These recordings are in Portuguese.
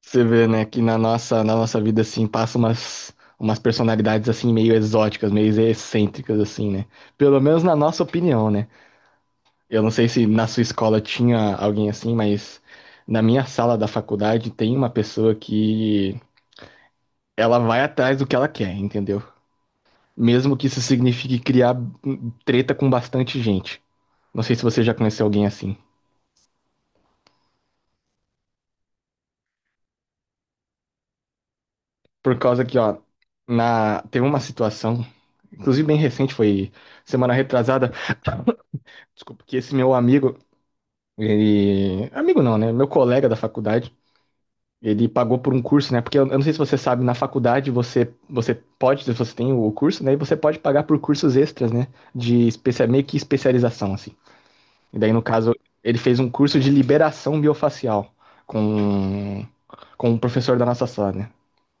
Você vê, né, que na nossa vida, assim, passa umas personalidades, assim, meio exóticas, meio excêntricas, assim, né? Pelo menos na nossa opinião, né? Eu não sei se na sua escola tinha alguém assim, mas na minha sala da faculdade tem uma pessoa que ela vai atrás do que ela quer, entendeu? Mesmo que isso signifique criar treta com bastante gente. Não sei se você já conheceu alguém assim. Por causa que, ó, teve uma situação, inclusive bem recente, foi semana retrasada. Desculpa, que esse meu amigo, ele... Amigo não, né? Meu colega da faculdade, ele pagou por um curso, né? Porque eu não sei se você sabe, na faculdade você pode, se você tem o curso, né? E você pode pagar por cursos extras, né? De meio que especialização, assim. E daí, no caso, ele fez um curso de liberação biofacial com, com um professor da nossa sala, né?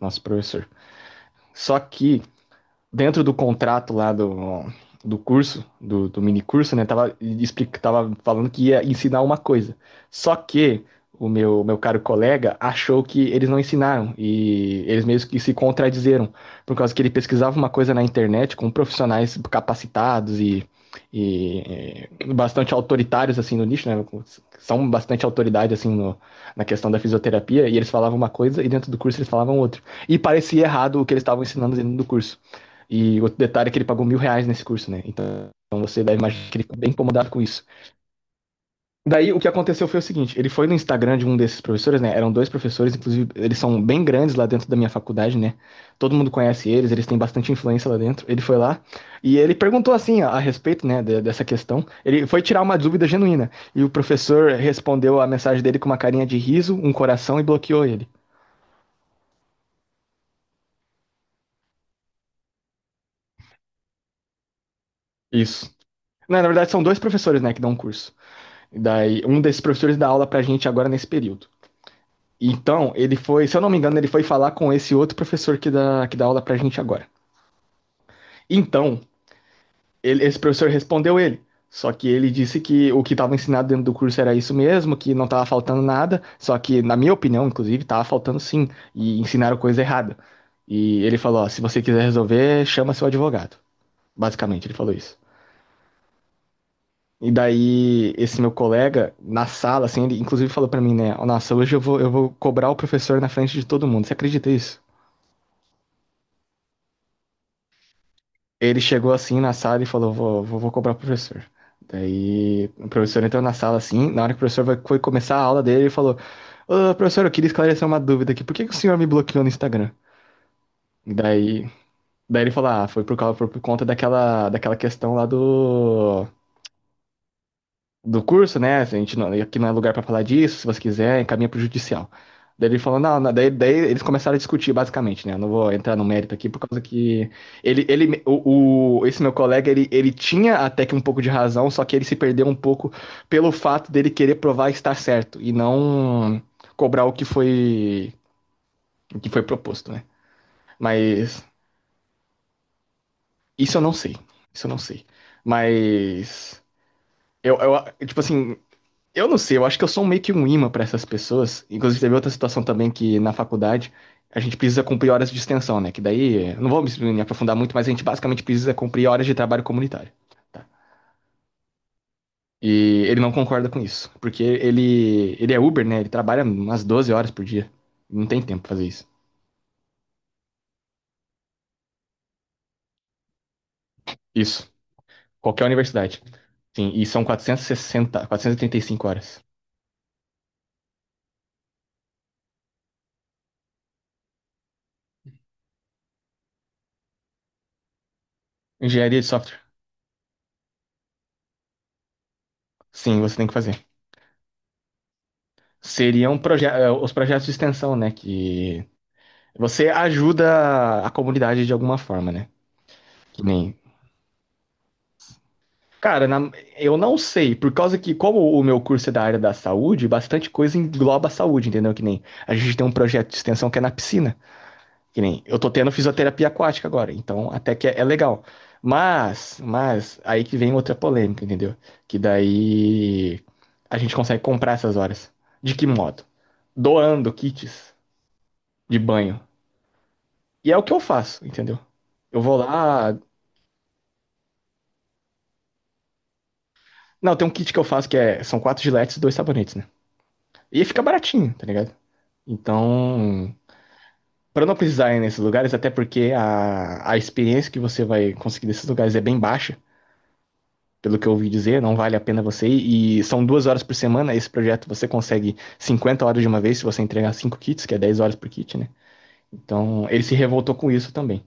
Nosso professor. Só que dentro do contrato do curso, do mini curso, né? Tava, tava falando que ia ensinar uma coisa. Só que o meu caro colega achou que eles não ensinaram e eles mesmos que se contradizeram, por causa que ele pesquisava uma coisa na internet com profissionais capacitados e bastante autoritários assim no nicho, né? São bastante autoridade assim no, na questão da fisioterapia, e eles falavam uma coisa e dentro do curso eles falavam outra. E parecia errado o que eles estavam ensinando dentro do curso. E outro detalhe é que ele pagou mil reais nesse curso, né? Então você deve imaginar que ele ficou bem incomodado com isso. Daí o que aconteceu foi o seguinte: ele foi no Instagram de um desses professores, né? Eram dois professores, inclusive eles são bem grandes lá dentro da minha faculdade, né? Todo mundo conhece eles, eles têm bastante influência lá dentro. Ele foi lá e ele perguntou assim a respeito, né, dessa questão. Ele foi tirar uma dúvida genuína e o professor respondeu a mensagem dele com uma carinha de riso, um coração, e bloqueou ele. Isso. Não, na verdade são dois professores, né, que dão um curso. Daí um desses professores dá aula pra gente agora nesse período. Então, ele foi, se eu não me engano, ele foi falar com esse outro professor que dá aula pra gente agora. Então, esse professor respondeu ele. Só que ele disse que o que estava ensinado dentro do curso era isso mesmo, que não estava faltando nada. Só que, na minha opinião, inclusive, estava faltando sim. E ensinaram coisa errada. E ele falou: ó, se você quiser resolver, chama seu advogado. Basicamente, ele falou isso. E daí, esse meu colega, na sala, assim, ele inclusive falou pra mim, né? "Ó, nossa, hoje eu vou cobrar o professor na frente de todo mundo." Você acredita nisso? Ele chegou assim na sala e falou: vou cobrar o professor. Daí o professor entrou na sala assim. Na hora que o professor foi começar a aula dele, ele falou: Ô, professor, eu queria esclarecer uma dúvida aqui. Por que que o senhor me bloqueou no Instagram? Daí, daí ele falou: Ah, foi por conta daquela questão lá do curso, né? A gente não, aqui não é lugar pra falar disso, se você quiser, encaminha pro judicial. Daí ele falou, não, não, daí eles começaram a discutir basicamente, né? Eu não vou entrar no mérito aqui por causa que esse meu colega, ele tinha até que um pouco de razão, só que ele se perdeu um pouco pelo fato dele querer provar estar certo e não cobrar o que foi proposto, né? Mas isso eu não sei, isso eu não sei. Mas eu, eu tipo assim, eu não sei, eu acho que eu sou meio que um imã pra essas pessoas. Inclusive, teve outra situação também que na faculdade a gente precisa cumprir horas de extensão, né? Que daí, não vou me aprofundar muito, mas a gente basicamente precisa cumprir horas de trabalho comunitário. Tá? E ele não concorda com isso, porque ele é Uber, né? Ele trabalha umas 12 horas por dia. Não tem tempo pra fazer isso. Isso. Qualquer universidade. Sim, e são sessenta, quatrocentas e trinta e cinco horas. Engenharia de software. Sim, você tem que fazer. Seriam os projetos de extensão, né? Que você ajuda a comunidade de alguma forma, né? Que nem. Cara, eu não sei, por causa que, como o meu curso é da área da saúde, bastante coisa engloba a saúde, entendeu? Que nem a gente tem um projeto de extensão que é na piscina. Que nem eu tô tendo fisioterapia aquática agora, então até que é legal. Aí que vem outra polêmica, entendeu? Que daí a gente consegue comprar essas horas. De que modo? Doando kits de banho. E é o que eu faço, entendeu? Eu vou lá. Não, tem um kit que eu faço que são quatro giletes e dois sabonetes, né? E fica baratinho, tá ligado? Então, pra não precisar ir nesses lugares, até porque a experiência que você vai conseguir desses lugares é bem baixa, pelo que eu ouvi dizer, não vale a pena você ir. E são duas horas por semana. Esse projeto você consegue 50 horas de uma vez se você entregar cinco kits, que é 10 horas por kit, né? Então, ele se revoltou com isso também.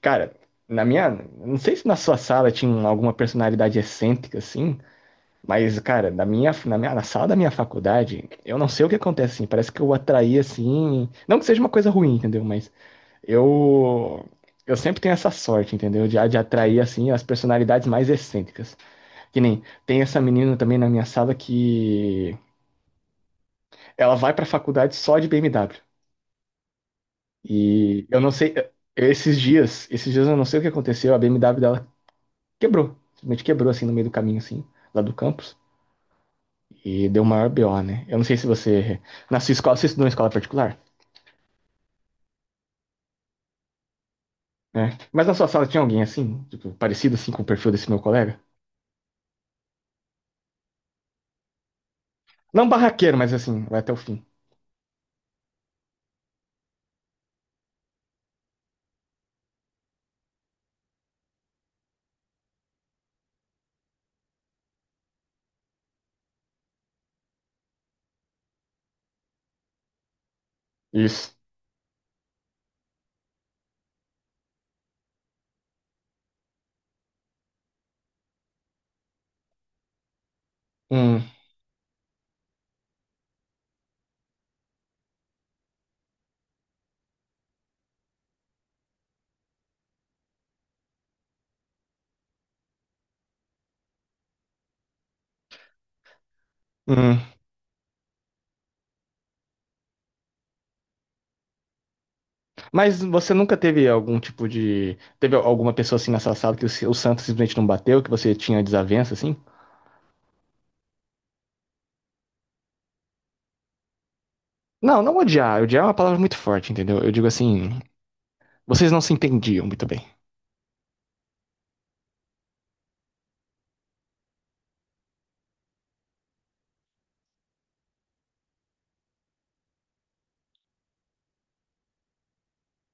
Cara, na minha... Não sei se na sua sala tinha alguma personalidade excêntrica, assim. Mas, cara, na minha, na sala da minha faculdade, eu não sei o que acontece, assim, parece que eu atraí, assim, não que seja uma coisa ruim, entendeu? Mas eu, eu sempre tenho essa sorte, entendeu? De atrair, assim, as personalidades mais excêntricas. Que nem, tem essa menina também na minha sala que ela vai pra faculdade só de BMW. E eu não sei, esses dias eu não sei o que aconteceu, a BMW dela quebrou, simplesmente quebrou, assim, no meio do caminho, assim, lá do campus. E deu maior BO, né? Eu não sei se você... Na sua escola, você estudou em escola particular? Né? Mas na sua sala tinha alguém assim, tipo, parecido assim com o perfil desse meu colega? Não barraqueiro, mas assim, vai até o fim. Isso. Hum, hum. Mas você nunca teve algum tipo de... Teve alguma pessoa assim na sua sala que o, o santo simplesmente não bateu, que você tinha desavença, assim? Não, não odiar. Odiar é uma palavra muito forte, entendeu? Eu digo assim, vocês não se entendiam muito bem.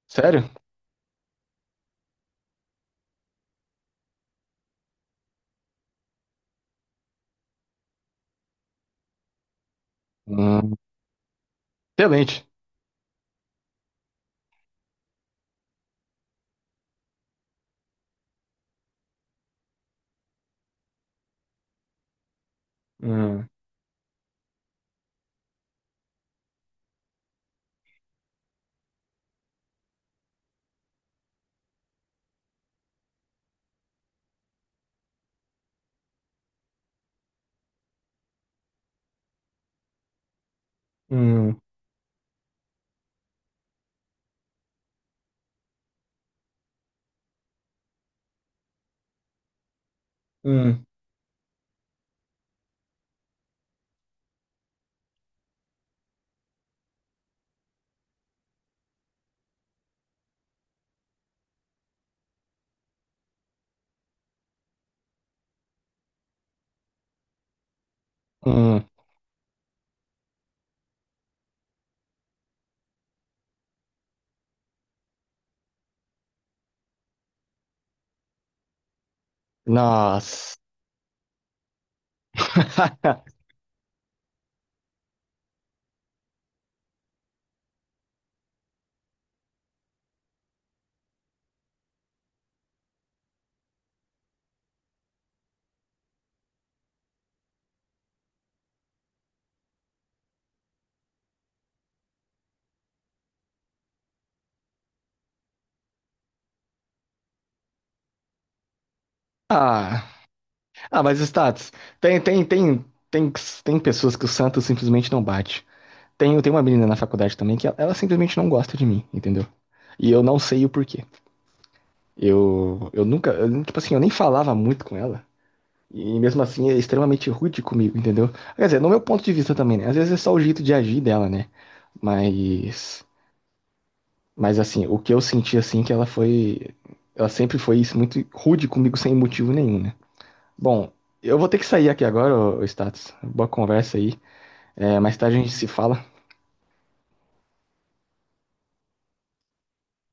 Sério? Hum, excelente. Hum, hum, hum, hum. Nossa. Ah, ah, mas Status. Tem, tem, tem, tem, tem pessoas que o Santos simplesmente não bate. Tem uma menina na faculdade também que ela simplesmente não gosta de mim, entendeu? E eu não sei o porquê. Eu nunca, eu, tipo assim, eu nem falava muito com ela. E mesmo assim é extremamente rude comigo, entendeu? Quer dizer, no meu ponto de vista também, né? Às vezes é só o jeito de agir dela, né? Mas, mas assim, o que eu senti assim que ela foi, ela sempre foi isso muito rude comigo sem motivo nenhum, né? Bom, eu vou ter que sair aqui agora, ô ô Status. Boa conversa aí. É, mais tarde a gente se fala.